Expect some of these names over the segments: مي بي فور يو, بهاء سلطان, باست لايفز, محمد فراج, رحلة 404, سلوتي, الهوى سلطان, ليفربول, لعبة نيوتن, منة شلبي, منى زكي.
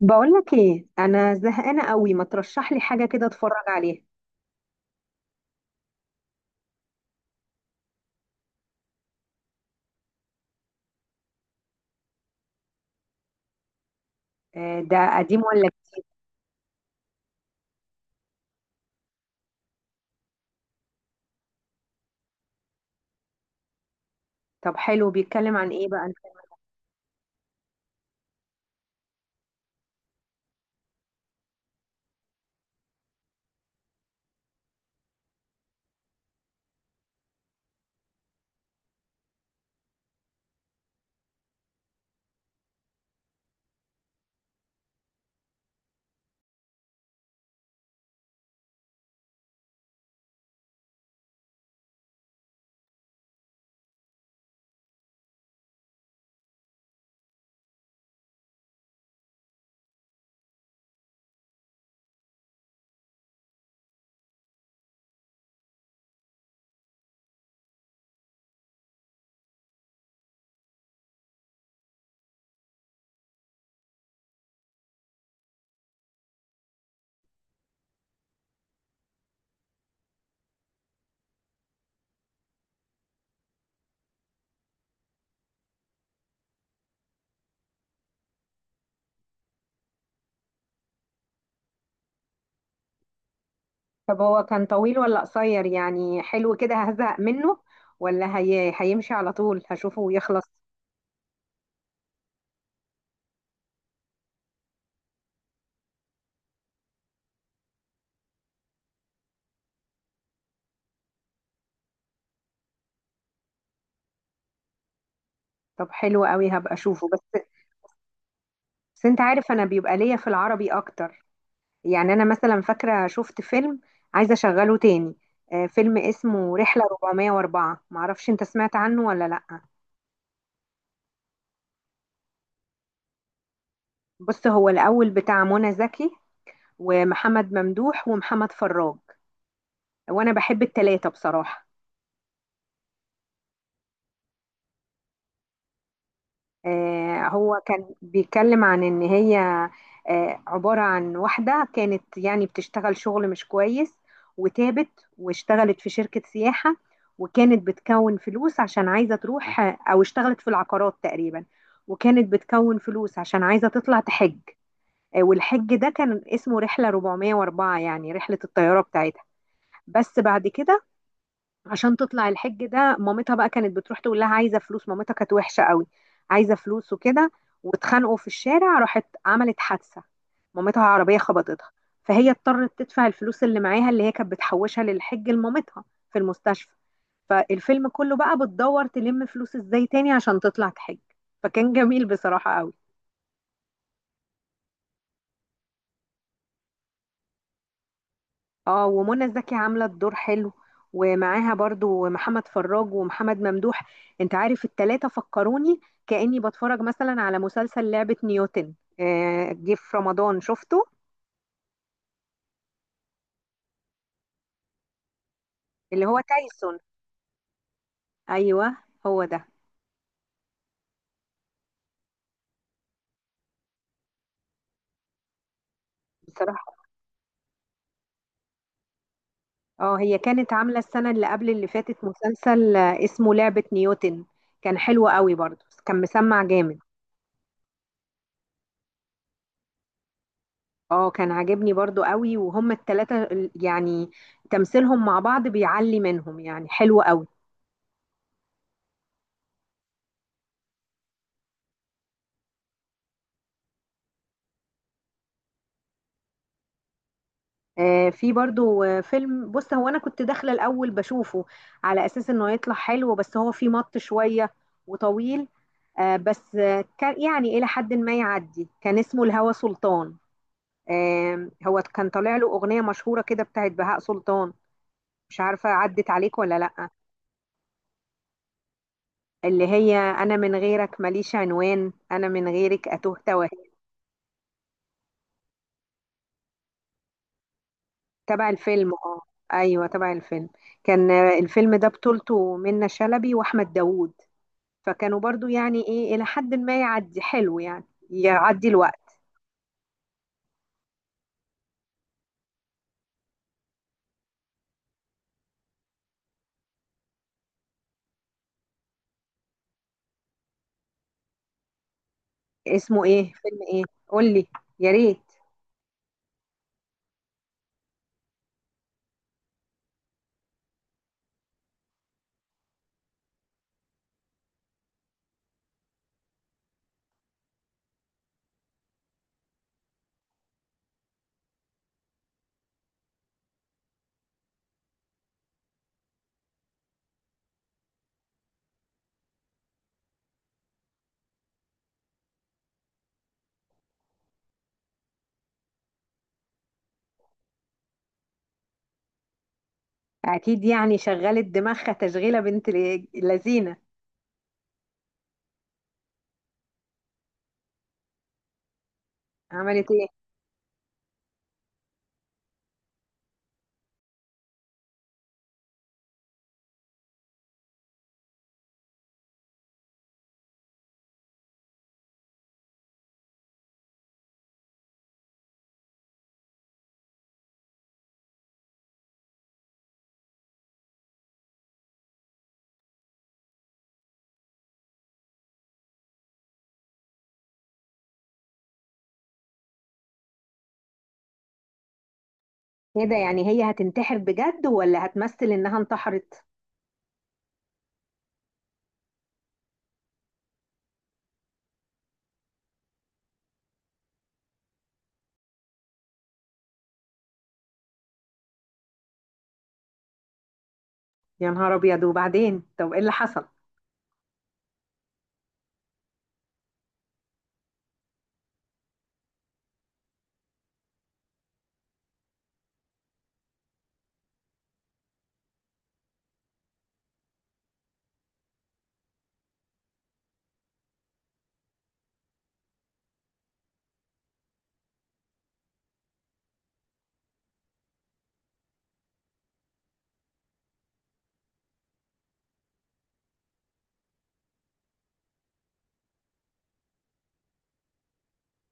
بقولك ايه، انا زهقانه قوي، ما ترشح لي حاجه كده اتفرج عليها. ده قديم ولا جديد؟ طب حلو، بيتكلم عن ايه بقى؟ طب هو كان طويل ولا قصير؟ يعني حلو كده هزهق منه ولا هي... هيمشي على طول هشوفه ويخلص؟ طب حلو قوي، هبقى اشوفه. بس بس انت عارف انا بيبقى ليا في العربي اكتر. يعني انا مثلا فاكره شفت فيلم عايزه اشغله تاني. فيلم اسمه رحله 404، معرفش انت سمعت عنه ولا لا. بص، هو الاول بتاع منى زكي ومحمد ممدوح ومحمد فراج، وانا بحب التلاتة بصراحة. آه، هو كان بيتكلم عن ان هي آه عبارة عن واحدة كانت يعني بتشتغل شغل مش كويس، وتابت واشتغلت في شركة سياحة، وكانت بتكون فلوس عشان عايزة تروح او اشتغلت في العقارات تقريبا، وكانت بتكون فلوس عشان عايزة تطلع تحج. آه، والحج ده كان اسمه رحلة 404، يعني رحلة الطيارة بتاعتها. بس بعد كده عشان تطلع الحج ده، مامتها بقى كانت بتروح تقول لها عايزه فلوس، مامتها كانت وحشه قوي، عايزه فلوس وكده. واتخانقوا في الشارع، راحت عملت حادثه، مامتها عربيه خبطتها، فهي اضطرت تدفع الفلوس اللي معاها اللي هي كانت بتحوشها للحج لمامتها في المستشفى. فالفيلم كله بقى بتدور تلم فلوس ازاي تاني عشان تطلع تحج. فكان جميل بصراحه قوي. اه، ومنى زكي عامله الدور حلو، ومعاها برضو محمد فراج ومحمد ممدوح. انت عارف التلاتة فكروني كأني بتفرج مثلا على مسلسل لعبة نيوتن. جه في رمضان شفته. اللي هو تايسون، ايوه، هو ده. بصراحة اه، هي كانت عاملة السنة اللي قبل اللي فاتت مسلسل اسمه لعبة نيوتن. كان حلو قوي برضو، كان مسمع جامد. اه، كان عاجبني برضو قوي، وهم التلاتة ال- يعني تمثيلهم مع بعض بيعلي منهم، يعني حلو قوي. في برضو فيلم، بص هو انا كنت داخله الاول بشوفه على اساس انه يطلع حلو، بس هو فيه مط شويه وطويل. بس كان يعني الى حد ما يعدي، كان اسمه الهوى سلطان. آه، هو كان طالع له اغنيه مشهوره كده بتاعت بهاء سلطان، مش عارفه عدت عليك ولا لا. اللي هي انا من غيرك ماليش عنوان، انا من غيرك اتوه توه. تبع الفيلم اه، ايوه تبع الفيلم. كان الفيلم ده بطولته منة شلبي واحمد داوود، فكانوا برضو يعني ايه الى حد ما يعدي حلو يعني، يعدي الوقت. اسمه ايه؟ فيلم ايه؟ قول لي، يا ريت. اكيد، يعني شغلت دماغها تشغيله بنت ال- اللذينه. عملت ايه؟ ايه ده؟ يعني هي هتنتحر بجد ولا هتمثل انها انتحرت؟ يا نهار ابيض، وبعدين طب ايه اللي حصل؟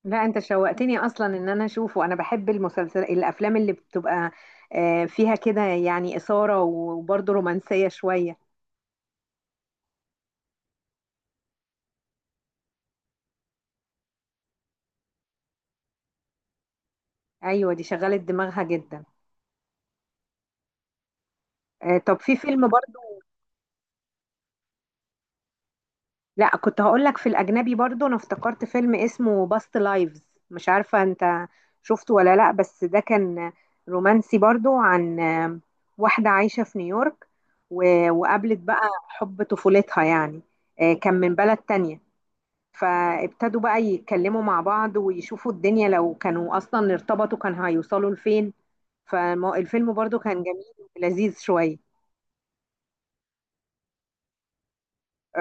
لا انت شوقتني اصلا ان انا اشوفه، انا بحب المسلسل الافلام اللي بتبقى فيها كده، يعني اثاره وبرضه رومانسيه شويه. ايوه، دي شغلت دماغها جدا. طب في فيلم برضه. لا كنت هقول لك في الاجنبي برضو، انا افتكرت فيلم اسمه باست لايفز، مش عارفه انت شفته ولا لا، بس ده كان رومانسي برضو. عن واحده عايشه في نيويورك، و- وقابلت بقى حب طفولتها يعني. آه، كان من بلد تانية، فابتدوا بقى يتكلموا مع بعض ويشوفوا الدنيا لو كانوا اصلا ارتبطوا كان هيوصلوا لفين. فالفيلم برضو كان جميل ولذيذ شويه.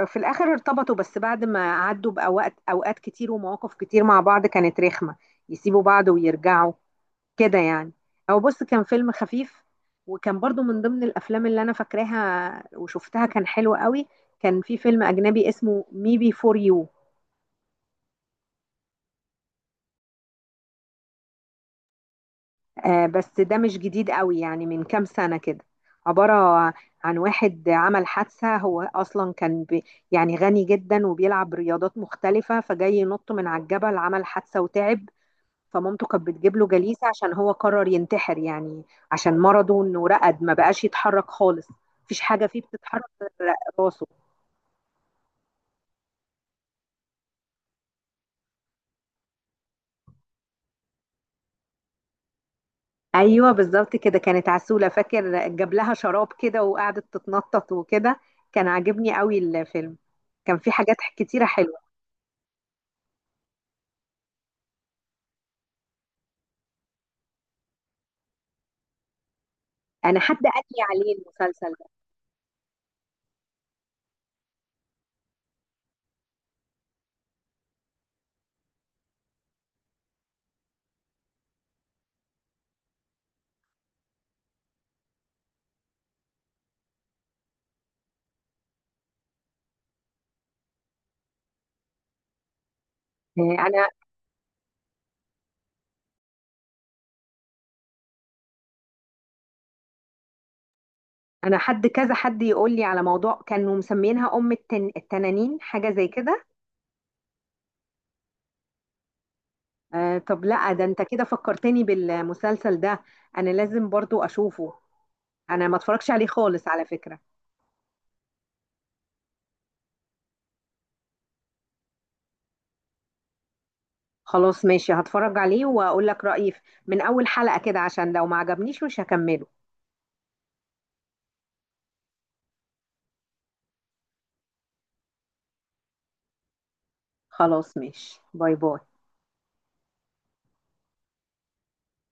في الاخر ارتبطوا، بس بعد ما عدوا باوقات كتير ومواقف كتير مع بعض كانت رخمه، يسيبوا بعض ويرجعوا كده يعني. هو بص كان فيلم خفيف، وكان برضو من ضمن الافلام اللي انا فاكراها وشفتها، كان حلو قوي. كان في فيلم اجنبي اسمه مي بي فور يو، بس ده مش جديد قوي، يعني من كام سنه كده. عباره عن واحد عمل حادثه، هو اصلا كان بي يعني غني جدا وبيلعب رياضات مختلفه، فجاي ينط من على الجبل عمل حادثه وتعب. فمامته كانت بتجيب له جليسة عشان هو قرر ينتحر يعني، عشان مرضه انه رقد ما بقاش يتحرك خالص، مفيش حاجة فيه بتتحرك غير راسه. ايوه بالظبط كده، كانت عسولة، فاكر جاب لها شراب كده وقعدت تتنطط وكده. كان عاجبني قوي الفيلم، كان فيه حاجات كتيرة حلوة. انا حد قال لي عليه المسلسل ده. آه، انا انا حد كذا حد يقول لي على موضوع كانوا مسمينها ام التن... التنانين، حاجة زي كده. آه طب، لا ده انت كده فكرتني بالمسلسل ده، انا لازم برضو اشوفه، انا ما اتفرجش عليه خالص على فكرة. خلاص ماشي، هتفرج عليه واقول لك رأيي في- من اول حلقة كده، عشان لو ما عجبنيش مش هكمله. خلاص ماشي، باي باي.